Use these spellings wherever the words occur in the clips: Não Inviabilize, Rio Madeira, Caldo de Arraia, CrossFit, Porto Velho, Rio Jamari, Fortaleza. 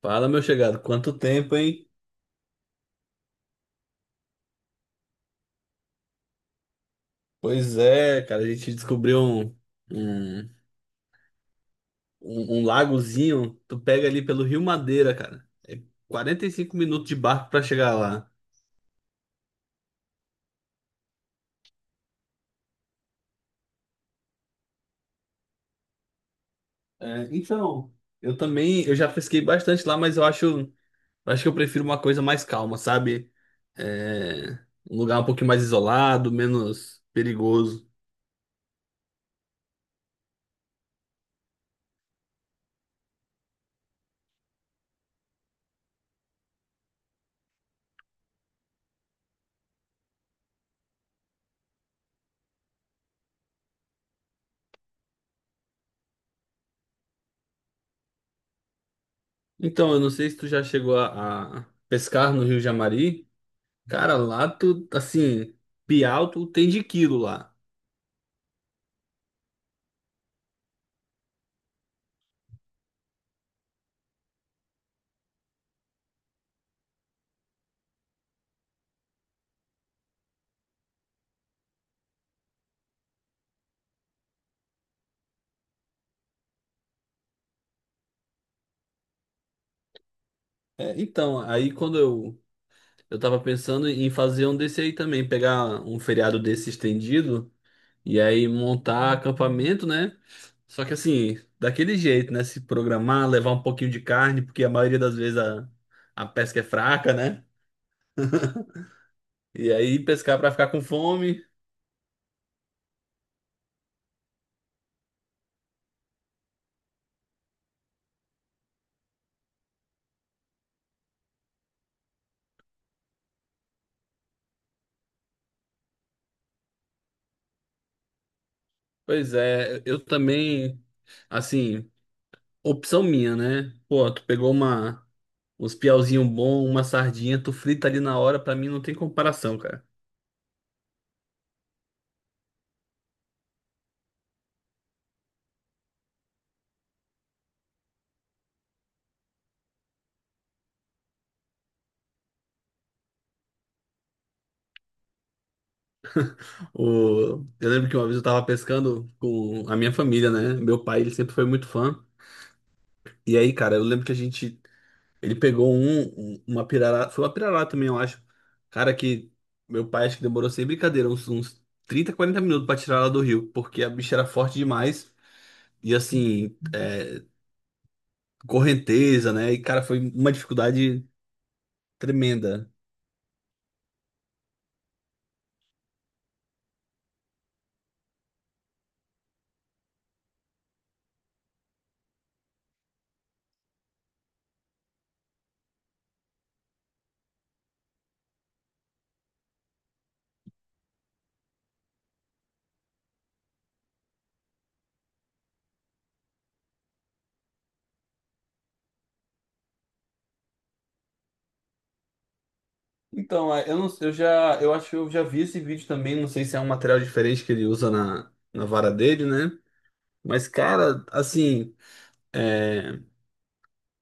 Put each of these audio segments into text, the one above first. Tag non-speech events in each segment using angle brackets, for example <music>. Fala, meu chegado, quanto tempo, hein? Pois é, cara, a gente descobriu um, um lagozinho. Tu pega ali pelo Rio Madeira, cara. É 45 minutos de barco pra chegar lá. É, então, eu também, eu já pesquei bastante lá, mas eu acho que eu prefiro uma coisa mais calma, sabe? É, Um lugar um pouquinho mais isolado, menos perigoso. Então, eu não sei se tu já chegou a pescar no Rio Jamari. Cara, lá tu, assim, Piau tu tem de quilo lá. Aí eu tava pensando em fazer um desse aí também, pegar um feriado desse estendido e aí montar acampamento, né? Só que assim, daquele jeito, né? Se programar, levar um pouquinho de carne, porque a maioria das vezes a pesca é fraca, né? E aí pescar pra ficar com fome. Pois é, eu também, assim, opção minha, né? Pô, tu pegou uma. Uns piauzinho bom, uma sardinha, tu frita ali na hora, pra mim não tem comparação, cara. O... Eu lembro que uma vez eu tava pescando com a minha família, né? Meu pai, ele sempre foi muito fã. E aí, cara, eu lembro que a gente. Ele pegou uma pirarara. Foi uma pirarara também, eu acho. Cara, que meu pai acho que demorou sem brincadeira, uns 30, 40 minutos pra tirar ela do rio, porque a bicha era forte demais. E assim, correnteza, né? E, cara, foi uma dificuldade tremenda. Então, é, eu não, eu já, eu acho que eu já vi esse vídeo também, não sei se é um material diferente que ele usa na vara dele, né? Mas, cara, assim, é,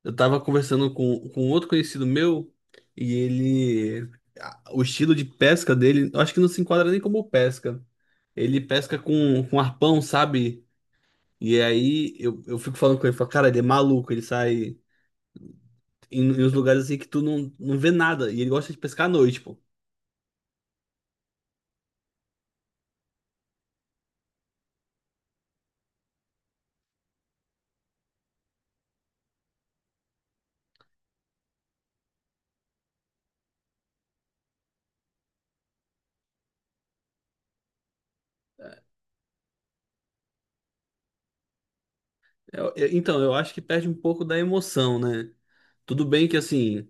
eu tava conversando com outro conhecido meu e ele, o estilo de pesca dele, eu acho que não se enquadra nem como pesca. Ele pesca com arpão, sabe? E aí eu fico falando com ele, falo, cara, ele é maluco, ele sai em uns lugares assim que tu não, não vê nada. E ele gosta de pescar à noite, pô. Então, eu acho que perde um pouco da emoção, né? Tudo bem que, assim,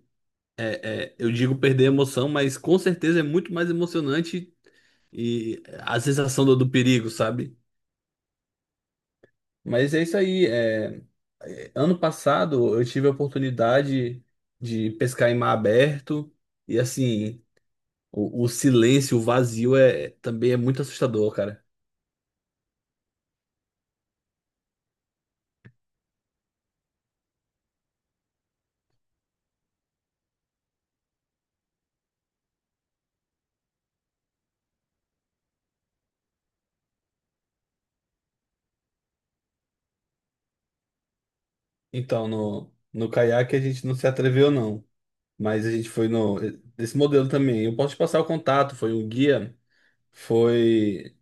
eu digo perder a emoção, mas com certeza é muito mais emocionante e a sensação do perigo, sabe? Mas é isso aí. Ano passado eu tive a oportunidade de pescar em mar aberto e, assim, o silêncio, o vazio também é muito assustador, cara. Então, no caiaque a gente não se atreveu, não. Mas a gente foi no. Esse modelo também. Eu posso te passar o contato. Foi um guia. Foi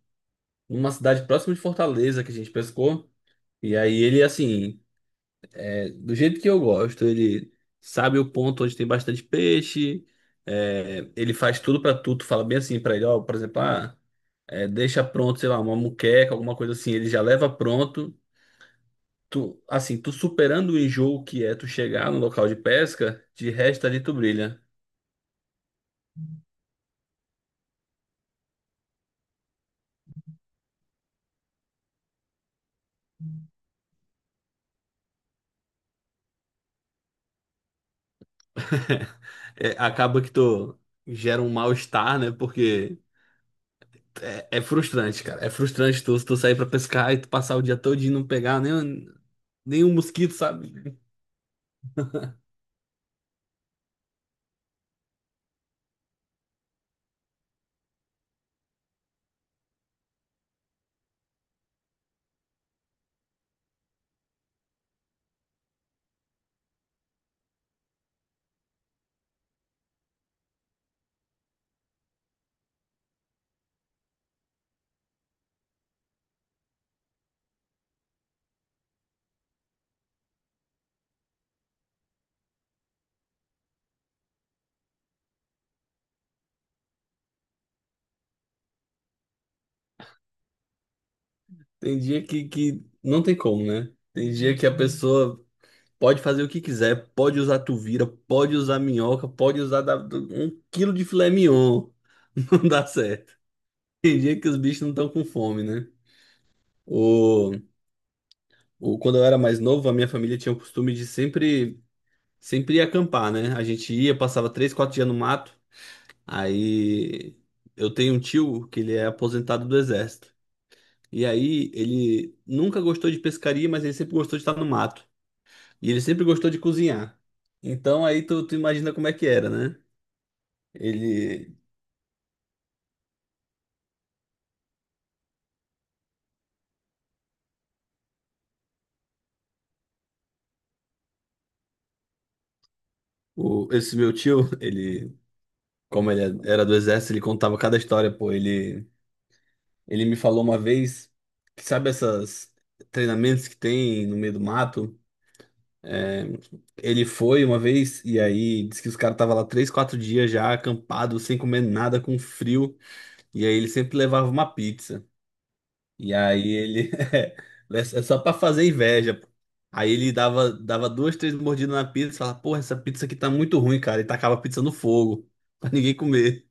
numa cidade próxima de Fortaleza que a gente pescou. E aí ele, assim, do jeito que eu gosto, ele sabe o ponto onde tem bastante peixe. Ele faz tudo pra tu. Tu fala bem assim pra ele, ó, por exemplo, deixa pronto, sei lá, uma muqueca, alguma coisa assim. Ele já leva pronto. Tu, assim, tu superando o enjoo que é tu chegar no local de pesca, de resto ali tu brilha. <laughs> Acaba que tu gera um mal-estar, né? Porque é frustrante, cara. É frustrante tu sair pra pescar e tu passar o dia todo e não pegar nem, nenhum mosquito, sabe? Tem dia que não tem como, né? Tem dia que a pessoa pode fazer o que quiser, pode usar tuvira, pode usar minhoca, pode usar um quilo de filé mignon. <laughs> Não dá certo. Tem dia que os bichos não estão com fome, né? O, Quando eu era mais novo, a minha família tinha o costume de sempre sempre ia acampar, né? A gente ia, passava três, quatro dias no mato. Aí eu tenho um tio que ele é aposentado do exército. E aí ele nunca gostou de pescaria, mas ele sempre gostou de estar no mato. E ele sempre gostou de cozinhar. Então aí tu, tu imagina como é que era, né? Ele, Esse meu tio, <laughs> ele, como ele era do exército, ele contava cada história, pô. Ele me falou uma vez que sabe essas treinamentos que tem no meio do mato? É, Ele foi uma vez e aí disse que os caras estavam lá três, quatro dias já acampado, sem comer nada, com frio. E aí ele sempre levava uma pizza. E aí ele. <laughs> É, só pra fazer inveja. Pô. Aí ele dava duas, três mordidas na pizza e falava: Porra, essa pizza aqui tá muito ruim, cara. E tacava a pizza no fogo, <laughs> pra ninguém comer.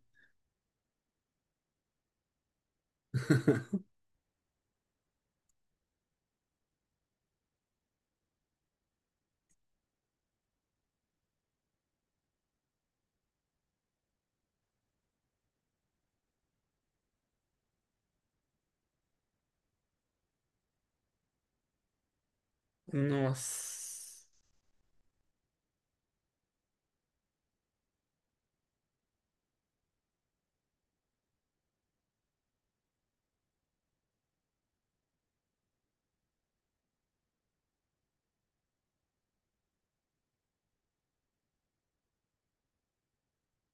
Nossa.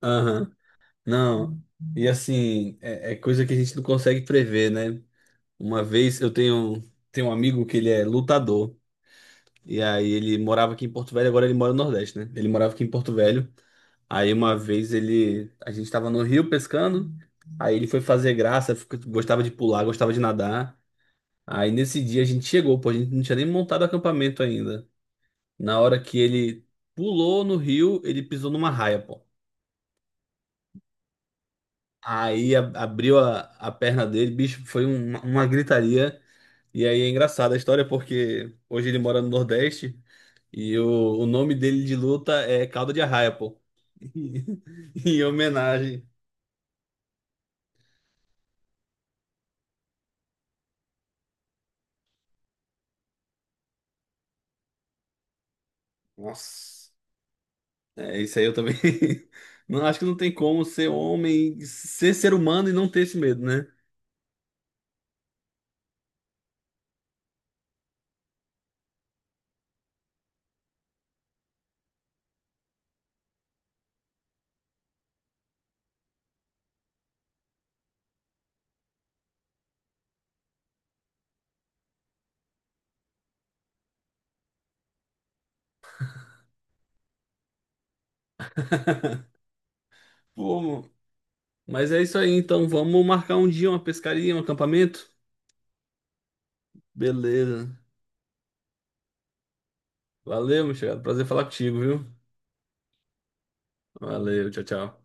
Aham. Não. E assim, é coisa que a gente não consegue prever, né? Uma vez eu tenho, tenho um amigo que ele é lutador. E aí ele morava aqui em Porto Velho, agora ele mora no Nordeste, né? Ele morava aqui em Porto Velho. Aí uma vez ele, A gente tava no rio pescando, aí ele foi fazer graça, gostava de pular, gostava de nadar. Aí nesse dia a gente chegou, pô, a gente não tinha nem montado acampamento ainda. Na hora que ele pulou no rio, ele pisou numa raia, pô. Abriu a perna dele, bicho, foi uma gritaria. E aí é engraçada a história porque hoje ele mora no Nordeste. E o nome dele de luta é Caldo de Arraia, pô. <laughs> Em homenagem. Nossa, é isso aí eu também. <laughs> Não, acho que não tem como ser homem, ser humano e não ter esse medo, né? Pô, mo- mas é isso aí, então vamos marcar um dia, uma pescaria, um acampamento? Beleza. Valeu, meu chegado. Prazer falar contigo, viu? Valeu, tchau, tchau.